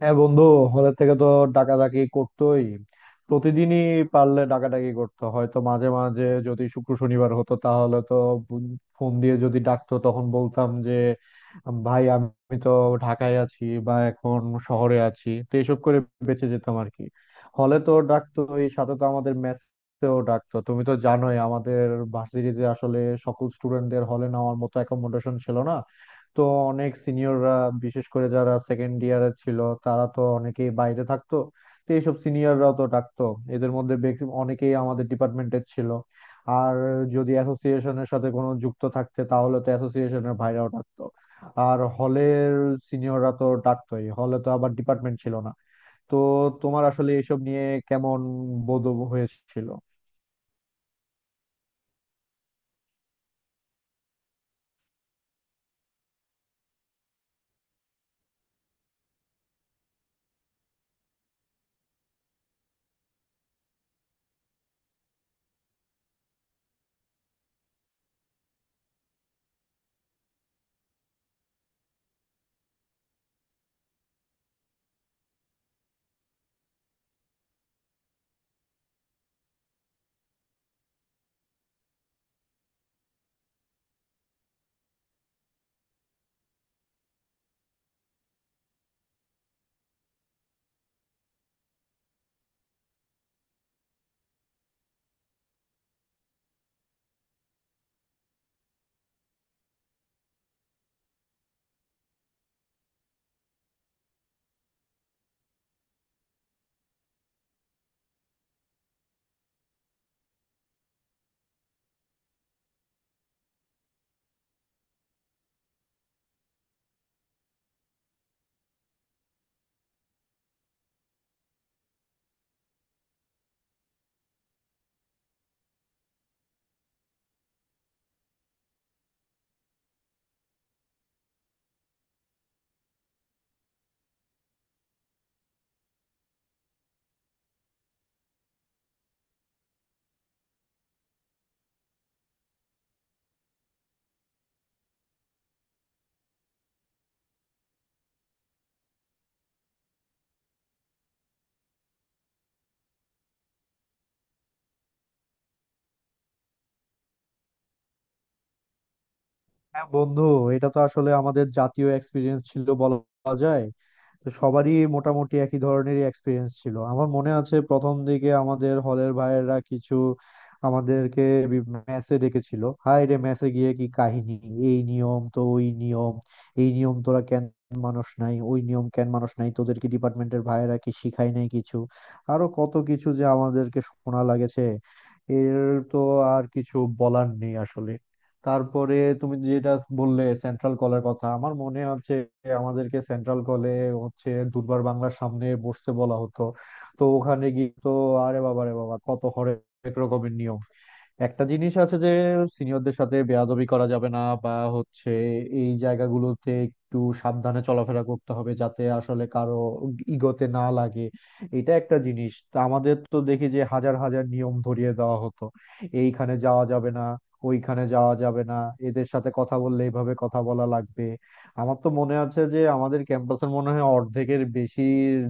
হ্যাঁ বন্ধু, হলের থেকে তো ডাকাডাকি করতোই, প্রতিদিনই পারলে ডাকাডাকি করতো। হয়তো মাঝে মাঝে যদি শুক্র শনিবার হতো তাহলে তো ফোন দিয়ে যদি ডাকতো তখন বলতাম যে ভাই, আমি তো ঢাকায় আছি বা এখন শহরে আছি। তো এসব করে বেঁচে যেতাম আর কি। হলে তো ডাকতোই, সাথে তো আমাদের মেসেও ডাকতো। তুমি তো জানোই, আমাদের ভার্সিটিতে আসলে সকল স্টুডেন্টদের হলে নেওয়ার মতো অ্যাকোমোডেশন ছিল না। তো অনেক সিনিয়ররা, বিশেষ করে যারা সেকেন্ড ইয়ারের ছিল, তারা তো অনেকেই বাইরে থাকতো। তো এইসব সিনিয়ররাও তো ডাকতো। এদের মধ্যে অনেকেই আমাদের ডিপার্টমেন্টের ছিল। আর যদি অ্যাসোসিয়েশনের সাথে কোনো যুক্ত থাকতে তাহলে তো অ্যাসোসিয়েশনের ভাইরাও ডাকতো। আর হলের সিনিয়ররা তো ডাকতোই, হলে তো আবার ডিপার্টমেন্ট ছিল না। তো তোমার আসলে এসব নিয়ে কেমন বোধ হয়েছিল? হ্যাঁ বন্ধু, এটা তো আসলে আমাদের জাতীয় এক্সপিরিয়েন্স ছিল বলা যায়। তো সবারই মোটামুটি একই ধরনেরই এক্সপিরিয়েন্স ছিল। আমার মনে আছে প্রথম দিকে আমাদের হলের ভাইয়েরা কিছু আমাদেরকে মেসে ডেকেছিল। হাই রে, মেসে গিয়ে কি কাহিনী! এই নিয়ম তো ওই নিয়ম, এই নিয়ম তোরা কেন মানুষ নাই, ওই নিয়ম কেন মানুষ নাই, তোদেরকে ডিপার্টমেন্টের ভাইয়েরা কি শিখায় নাই কিছু? আরো কত কিছু যে আমাদেরকে শোনা লাগেছে, এর তো আর কিছু বলার নেই আসলে। তারপরে তুমি যেটা বললে সেন্ট্রাল কলের কথা, আমার মনে আছে আমাদেরকে সেন্ট্রাল কলে হচ্ছে দুর্বার বাংলার সামনে বসতে বলা হতো। তো ওখানে গিয়ে তো আরে বাবা রে বাবা, কত হরেক রকমের নিয়ম। একটা জিনিস আছে যে সিনিয়রদের সাথে বেয়াদবি করা যাবে না, বা হচ্ছে এই জায়গাগুলোতে একটু সাবধানে চলাফেরা করতে হবে যাতে আসলে কারো ইগোতে না লাগে। এটা একটা জিনিস। তা আমাদের তো দেখি যে হাজার হাজার নিয়ম ধরিয়ে দেওয়া হতো। এইখানে যাওয়া যাবে না, ওইখানে যাওয়া যাবে না, এদের সাথে কথা বললে এইভাবে কথা বলা লাগবে। আমার তো মনে আছে যে আমাদের ক্যাম্পাসের মনে হয় অর্ধেকের বেশি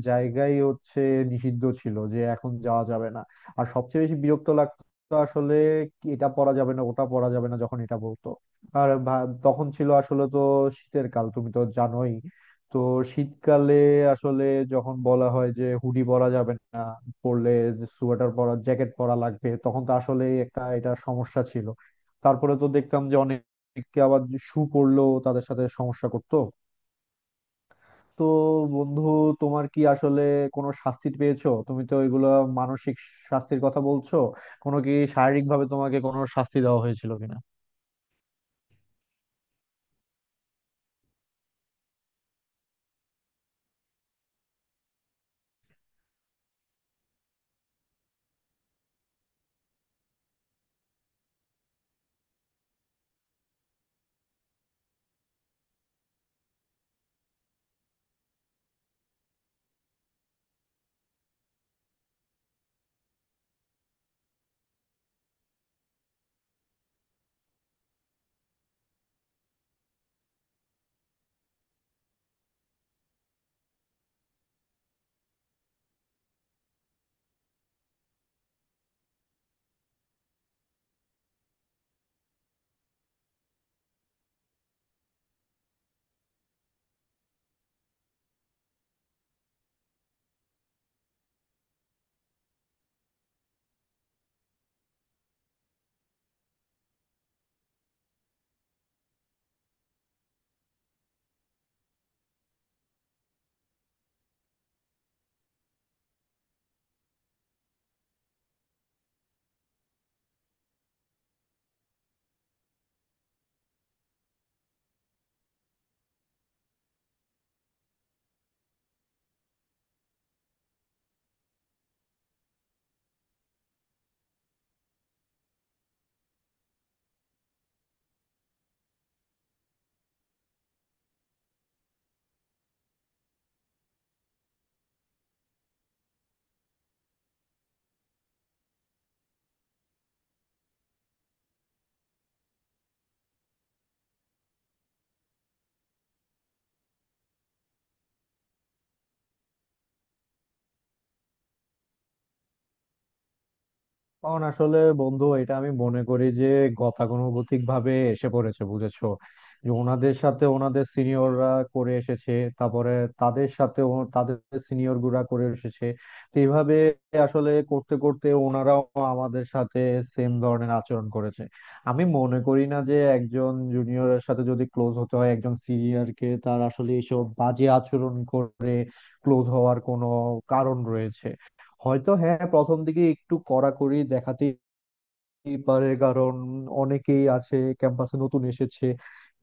জায়গাই হচ্ছে নিষিদ্ধ ছিল, যে এখন যাওয়া যাবে না। আর সবচেয়ে বেশি বিরক্ত লাগতো তো আসলে এটা পরা যাবে না, ওটা পরা যাবে না যখন এটা বলতো। আর তখন ছিল আসলে তো শীতের কাল, তুমি তো জানোই। তো শীতকালে আসলে যখন বলা হয় যে হুডি পরা যাবে না, পরলে সোয়েটার পরা, জ্যাকেট পরা লাগবে, তখন তো আসলে একটা এটা সমস্যা ছিল। তারপরে তো দেখতাম যে অনেকে আবার শু পরলেও তাদের সাথে সমস্যা করতো। তো বন্ধু, তোমার কি আসলে কোনো শাস্তি পেয়েছো? তুমি তো এগুলো মানসিক শাস্তির কথা বলছো, কোনো কি শারীরিক ভাবে তোমাকে কোনো শাস্তি দেওয়া হয়েছিল কিনা? কারণ আসলে বন্ধু, এটা আমি মনে করি যে গতানুগতিক ভাবে এসে পড়েছে বুঝেছো। যে ওনাদের সাথে ওনাদের সিনিয়ররা করে এসেছে, তারপরে তাদের সাথে তাদের সিনিয়র গুলা করে এসেছে। তো এইভাবে আসলে করতে করতে ওনারাও আমাদের সাথে সেম ধরনের আচরণ করেছে। আমি মনে করি না যে একজন জুনিয়রের সাথে যদি ক্লোজ হতে হয় একজন সিনিয়রকে, তার আসলে এইসব বাজে আচরণ করে ক্লোজ হওয়ার কোনো কারণ রয়েছে। হয়তো হ্যাঁ, প্রথম দিকে একটু কড়াকড়ি দেখাতেই হতেই পারে, কারণ অনেকেই আছে ক্যাম্পাসে নতুন এসেছে।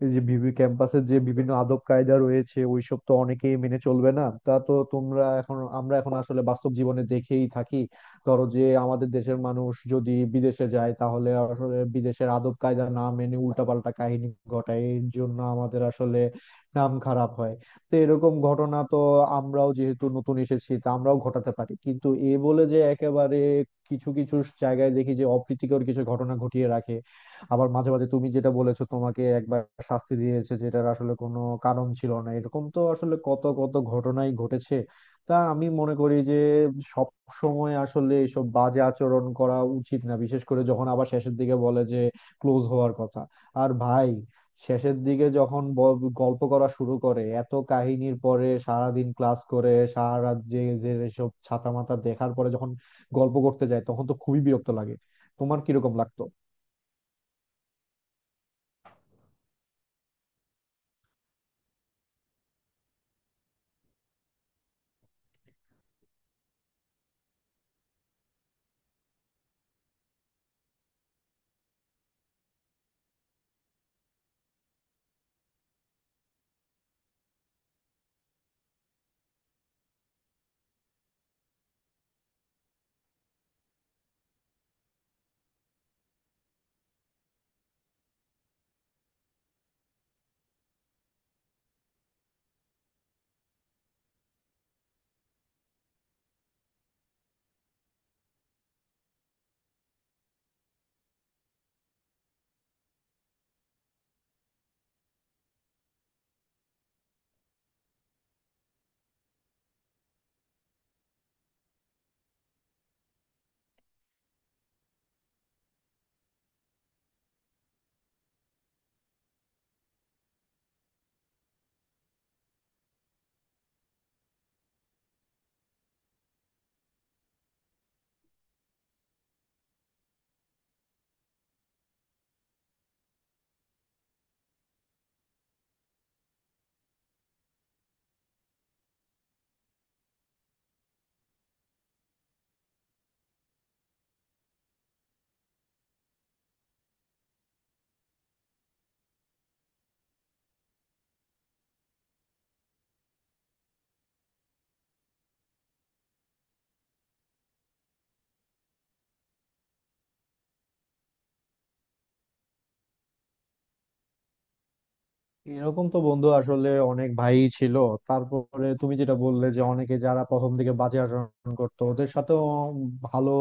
এই যে ক্যাম্পাসে যে বিভিন্ন আদব কায়দা রয়েছে, ওইসব তো অনেকেই মেনে চলবে না। তা তো তোমরা এখন আমরা এখন আসলে বাস্তব জীবনে দেখেই থাকি। ধরো যে আমাদের দেশের মানুষ যদি বিদেশে যায় তাহলে আসলে বিদেশের আদব কায়দা না মেনে উল্টাপাল্টা কাহিনী ঘটায়, এর জন্য আমাদের আসলে নাম খারাপ হয়। তো এরকম ঘটনা তো আমরাও যেহেতু নতুন এসেছি, তা আমরাও ঘটাতে পারি। কিন্তু এ বলে যে একেবারে কিছু কিছু জায়গায় দেখি যে অপ্রীতিকর কিছু ঘটনা ঘটিয়ে রাখে। আবার মাঝে মাঝে তুমি যেটা বলেছো, তোমাকে একবার শাস্তি দিয়েছে যেটার আসলে কোনো কারণ ছিল না, এরকম তো আসলে কত কত ঘটনাই ঘটেছে। তা আমি মনে করি যে সব সময় আসলে এসব বাজে আচরণ করা উচিত না, বিশেষ করে যখন আবার শেষের দিকে বলে যে ক্লোজ হওয়ার কথা। আর ভাই, শেষের দিকে যখন গল্প করা শুরু করে, এত কাহিনীর পরে, সারাদিন ক্লাস করে সারা রাত জেগে যে এসব ছাতা মাথা দেখার পরে যখন গল্প করতে যায় তখন তো খুবই বিরক্ত লাগে। তোমার কিরকম লাগতো? এরকম তো বন্ধু আসলে অনেক ভাই ছিল। তারপরে তুমি যেটা বললে যে অনেকে যারা প্রথম দিকে বাজে আচরণ করতো, ওদের সাথেও ভালো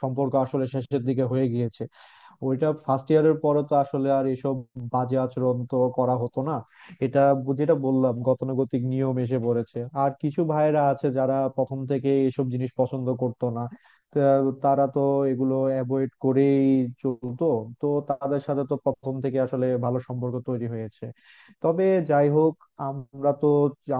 সম্পর্ক আসলে শেষের দিকে হয়ে গিয়েছে। ওইটা ফার্স্ট ইয়ারের পরে তো আসলে আর এসব বাজে আচরণ তো করা হতো না। এটা যেটা বললাম গতানুগতিক নিয়ম এসে পড়েছে। আর কিছু ভাইরা আছে যারা প্রথম থেকে এসব জিনিস পছন্দ করতো না, তা তারা তো এগুলো অ্যাভয়েড করেই চলতো। তো তাদের সাথে তো প্রথম থেকে আসলে ভালো সম্পর্ক তৈরি হয়েছে। তবে যাই হোক, আমরা তো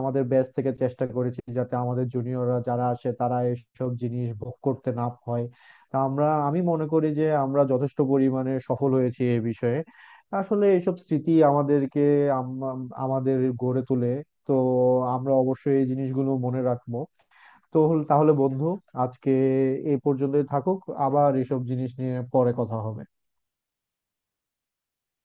আমাদের ব্যাচ থেকে চেষ্টা করেছি যাতে আমাদের জুনিয়ররা যারা আসে তারা এসব জিনিস ভোগ করতে না হয়। তা আমি মনে করি যে আমরা যথেষ্ট পরিমাণে সফল হয়েছি এই বিষয়ে। আসলে এইসব স্মৃতি আমাদেরকে, আমাদের গড়ে তোলে। তো আমরা অবশ্যই এই জিনিসগুলো মনে রাখবো। তো তাহলে বন্ধু, আজকে এই পর্যন্তই থাকুক। আবার এসব জিনিস নিয়ে পরে কথা হবে।